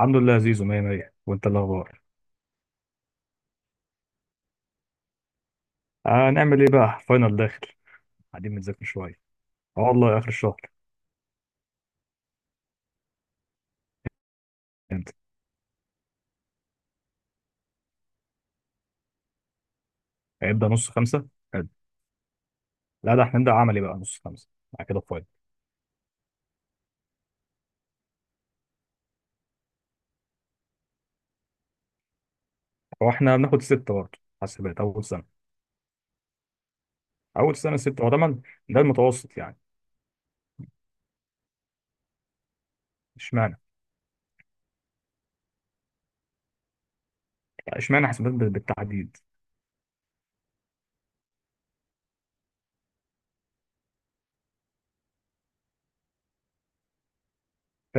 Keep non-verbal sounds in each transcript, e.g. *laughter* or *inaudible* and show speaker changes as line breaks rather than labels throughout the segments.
الحمد لله يا زيزو، مية مية. وانت إيه الاخبار؟ آه، نعمل ايه بقى؟ فاينل داخل. قاعدين بنذاكر شويه. اه والله، اخر الشهر. امتى؟ هيبدأ نص خمسة. حلو. لا، ده احنا هنبدأ عملي بقى نص خمسة. بعد كده فاينل. هو احنا بناخد ستة برضه، حاسبات اول سنه. اول سنه ستة، هو ده ده المتوسط يعني. اشمعنى؟ يعني اشمعنى حاسبات بالتحديد؟ ف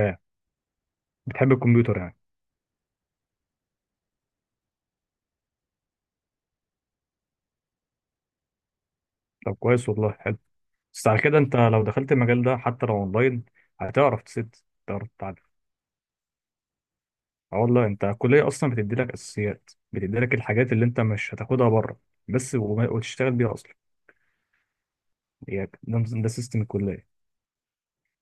بتحب الكمبيوتر يعني؟ طب كويس والله، حلو. بس على كده انت لو دخلت المجال ده، حتى لو اونلاين، هتعرف تسد. تعرف؟ اه والله، انت الكليه اصلا بتدي لك اساسيات، بتدي لك الحاجات اللي انت مش هتاخدها بره. بس وتشتغل بيها اصلا. يعني ده سيستم الكليه.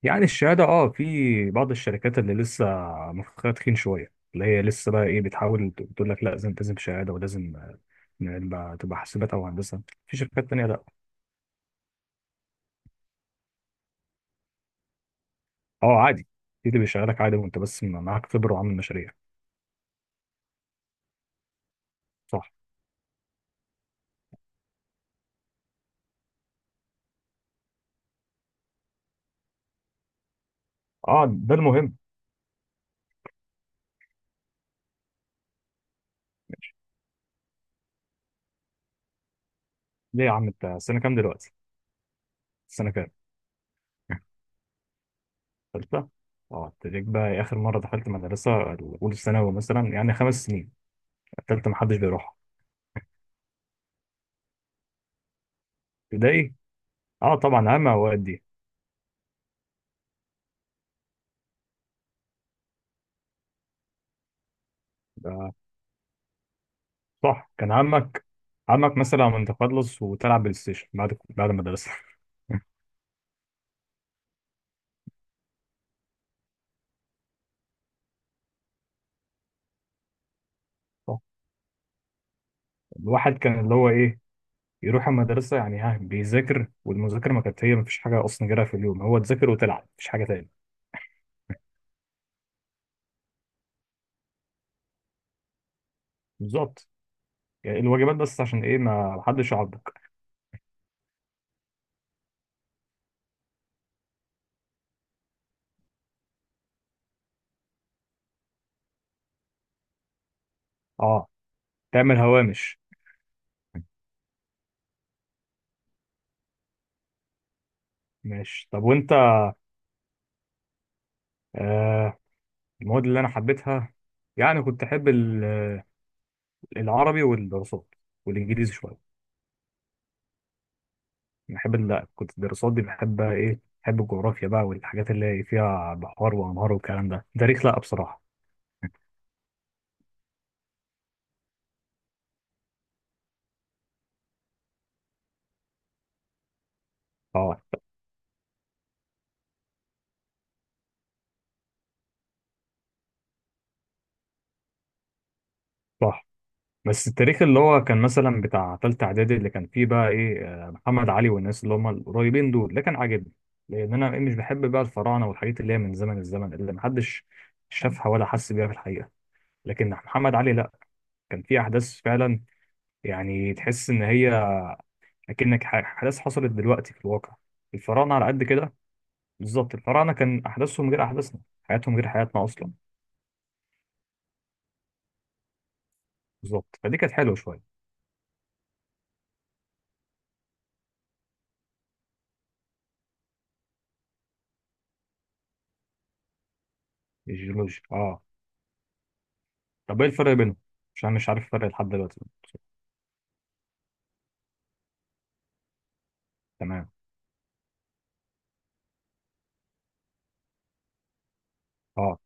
يعني الشهاده، في بعض الشركات اللي لسه مخها تخين شويه، اللي هي لسه بقى ايه، بتحاول تقول لك لا، لازم شهاده ولازم، تبقى حاسبات او هندسه. في شركات تانيه لا. اه عادي. في اللي بيشغلك عادي وانت بس معاك خبره وعامل مشاريع. صح. اه، ده المهم. ليه يا عم؟ انت سنه كام دلوقتي؟ سنه كام؟ ثالثة؟ اه، ابتديت بقى إيه، آخر مرة دخلت مدرسة أولى ثانوي مثلا، يعني خمس سنين. التالتة محدش بيروحها. ابتدائي؟ اه طبعا، عامة أوقات دي. ده صح، كان عمك. عمك مثلا من تخلص وتلعب بلاي ستيشن بعد المدرسة. *laughs* صح. الواحد كان اللي هو ايه، يروح المدرسة، يعني ها بيذاكر، والمذاكرة ما كانت هي، مفيش حاجة أصلا غيرها في اليوم، هو تذاكر وتلعب، مفيش حاجة تاني. بالظبط. يعني الواجبات بس، عشان ايه؟ ما حدش يعضك. اه، تعمل هوامش. ماشي، طب وانت؟ آه، المواد اللي انا حبيتها، يعني كنت احب العربي والدراسات والانجليزي شويه. كنت الدراسات دي بحبها، ايه، بحب الجغرافيا بقى والحاجات اللي فيها بحار وانهار والكلام ده. تاريخ لا بصراحه. اه صح. بس التاريخ اللي هو كان مثلا بتاع تالتة اعدادي، اللي كان فيه بقى ايه، محمد علي والناس اللي هم القريبين دول، ده كان عاجبني. لان انا إيه، مش بحب بقى الفراعنه والحاجات اللي هي من زمن الزمن، اللي محدش شافها ولا حس بيها في الحقيقه. لكن محمد علي، لا، كان فيه احداث فعلا. يعني تحس ان هي، احداث حصلت دلوقتي في الواقع. الفراعنه على قد كده. بالظبط، الفراعنه كان احداثهم غير احداثنا، حياتهم غير حياتنا اصلا. بالظبط، فدي كانت حلوه شويه. الجيولوجيا، اه. طب ايه الفرق بينهم؟ عشان مش عارف الفرق لحد دلوقتي. تمام. اه.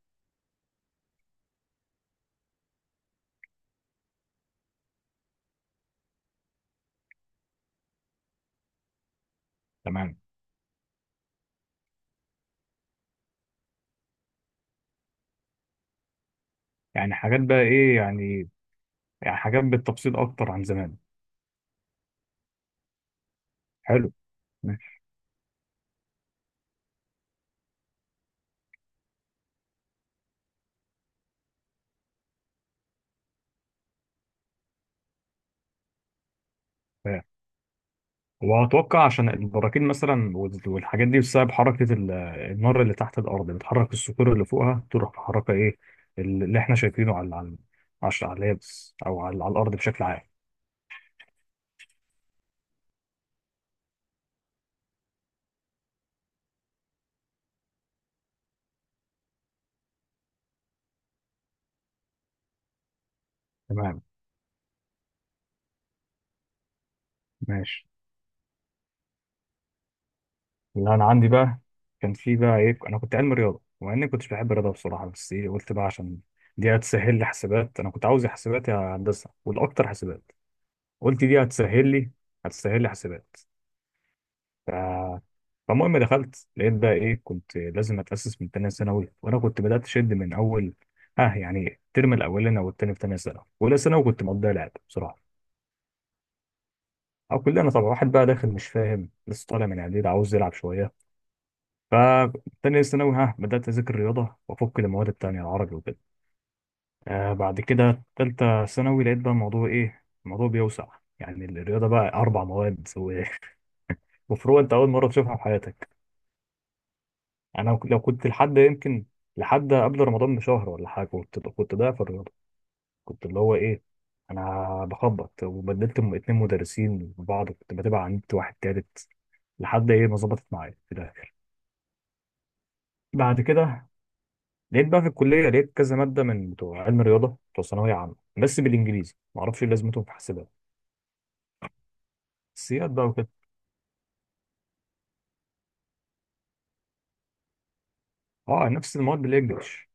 تمام. يعني حاجات بقى ايه يعني؟ يعني حاجات بالتفصيل اكتر عن زمان؟ حلو. ماشي. آه. وأتوقع عشان البراكين مثلا والحاجات دي، بسبب حركة النار اللي تحت الأرض، بتحرك الصخور اللي فوقها، تروح محركة إيه اللي إحنا شايفينه على على اليابس، أو على الأرض بشكل عام. تمام، ماشي. اللي أنا عندي بقى، كان في بقى إيه، أنا كنت علم رياضة. ومع إني كنتش بحب الرياضة بصراحة، بس إيه، قلت بقى عشان دي هتسهل لي حسابات. أنا كنت عاوز يا حسابات يا هندسة، والأكتر حسابات. قلت دي هتسهل لي، هتسهل لي حسابات. فالمهم دخلت، لقيت بقى ايه، كنت لازم اتاسس من تانية ثانوي، وانا كنت بدات اشد من اول. اه يعني الترم الاولاني او التاني في تانية ثانوي. اولى ثانوي كنت مقضيها لعب بصراحه. او كلنا طبعا، واحد بقى داخل مش فاهم، لسه طالع من اعداد، عاوز يلعب شويه. فتانية ثانوي ها بدات اذاكر رياضه وافك المواد التانية، العربي وكده. آه، بعد كده تالتة ثانوي لقيت بقى الموضوع ايه، الموضوع بيوسع. يعني الرياضه بقى اربع مواد *laughs* وفروع انت اول مره تشوفها في حياتك. يعني انا لو كنت لحد يمكن، لحد قبل رمضان بشهر ولا حاجه، كنت ضايع في الرياضه. كنت اللي هو ايه، انا بخبط، وبدلت اتنين مدرسين ببعض، كنت بتابع عن نت واحد تالت، لحد ايه، ما ظبطت معايا في الاخر. بعد كده لقيت بقى في الكليه، لقيت كذا ماده من بتوع علم الرياضه بتوع ثانويه عامه، بس بالانجليزي. ما اعرفش ايه لازمتهم في حاسبات، السياد بقى وكده. اه، نفس المواد بالانجلش.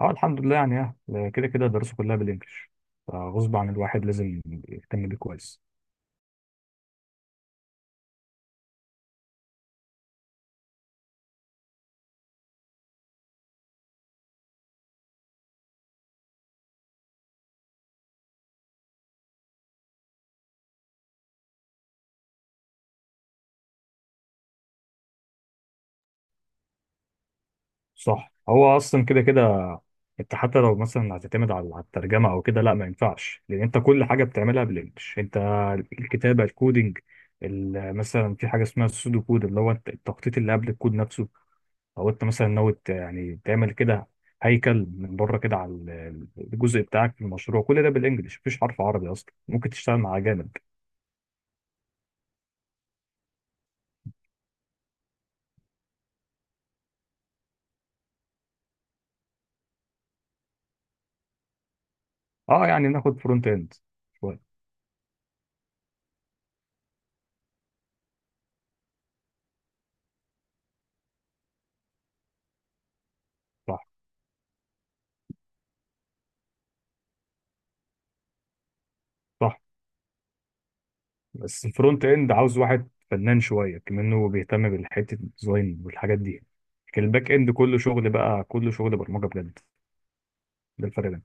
اه الحمد لله، يعني اه كده كده الدراسه كلها بالانجلش، فغصب عن الواحد لازم يهتم بيه كويس. صح، هو اصلا كده كده. انت حتى لو مثلا هتعتمد على الترجمه او كده، لا ما ينفعش، لان انت كل حاجه بتعملها بالانجلش. انت الكتابه، الكودينج، مثلا في حاجه اسمها السودو كود، اللي هو التخطيط اللي قبل الكود نفسه. او انت مثلا ناوي يعني تعمل كده هيكل من بره كده على الجزء بتاعك في المشروع. كل ده بالانجلش، مفيش حرف عربي اصلا ممكن تشتغل مع جانب. اه، يعني ناخد فرونت اند شويه. صح، صح. بس الفرونت اند عاوز واحد فنان شويه كمان، هو بيهتم بالحته الديزاين والحاجات دي. لكن الباك اند كله شغل بقى، كله شغل برمجه بجد. ده الفرق بينهم.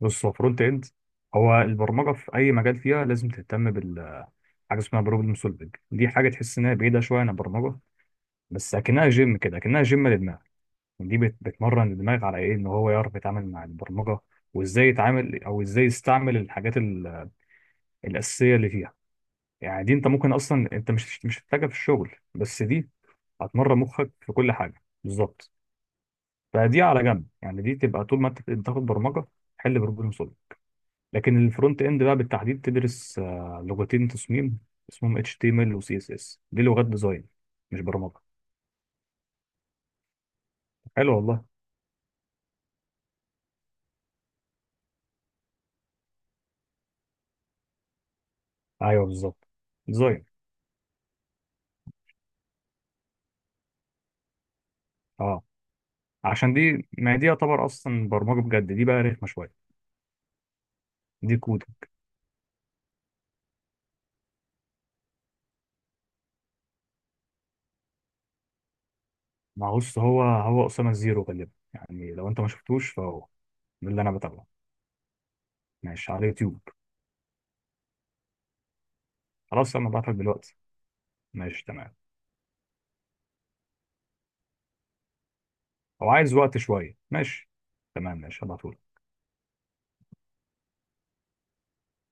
بص، هو فرونت اند، هو البرمجه في اي مجال، فيها لازم تهتم بالحاجه اسمها بروبلم سولفنج. دي حاجه تحس انها بعيده شويه عن البرمجه، بس اكنها جيم كده، اكنها جيم للدماغ. دي بتمرن الدماغ على ايه، ان هو يعرف يتعامل مع البرمجه، وازاي يتعامل او ازاي يستعمل الحاجات الاساسيه اللي فيها. يعني دي انت ممكن اصلا انت مش هتحتاجها في الشغل، بس دي هتمرن مخك في كل حاجه بالظبط. فدي على جنب يعني، دي تبقى طول ما انت بتاخد برمجه، حل بروبلم سولف. لكن الفرونت اند بقى بالتحديد، تدرس لغتين تصميم، اسمهم HTML و CSS، دي لغات ديزاين، مش برمجه. حلو والله. ايوه بالظبط. ديزاين. اه، عشان دي ما دي يعتبر اصلا برمجه بجد، دي بقى رخمه شويه. دي كود. ما هو بص، هو اسامه زيرو غالبا. يعني لو انت ما شفتوش، فهو ده اللي انا بتابعه. ماشي على اليوتيوب. خلاص، انا بعتلك دلوقتي. ماشي تمام. او عايز وقت شويه، ماشي. تمام، ماشي، هبعتهولك.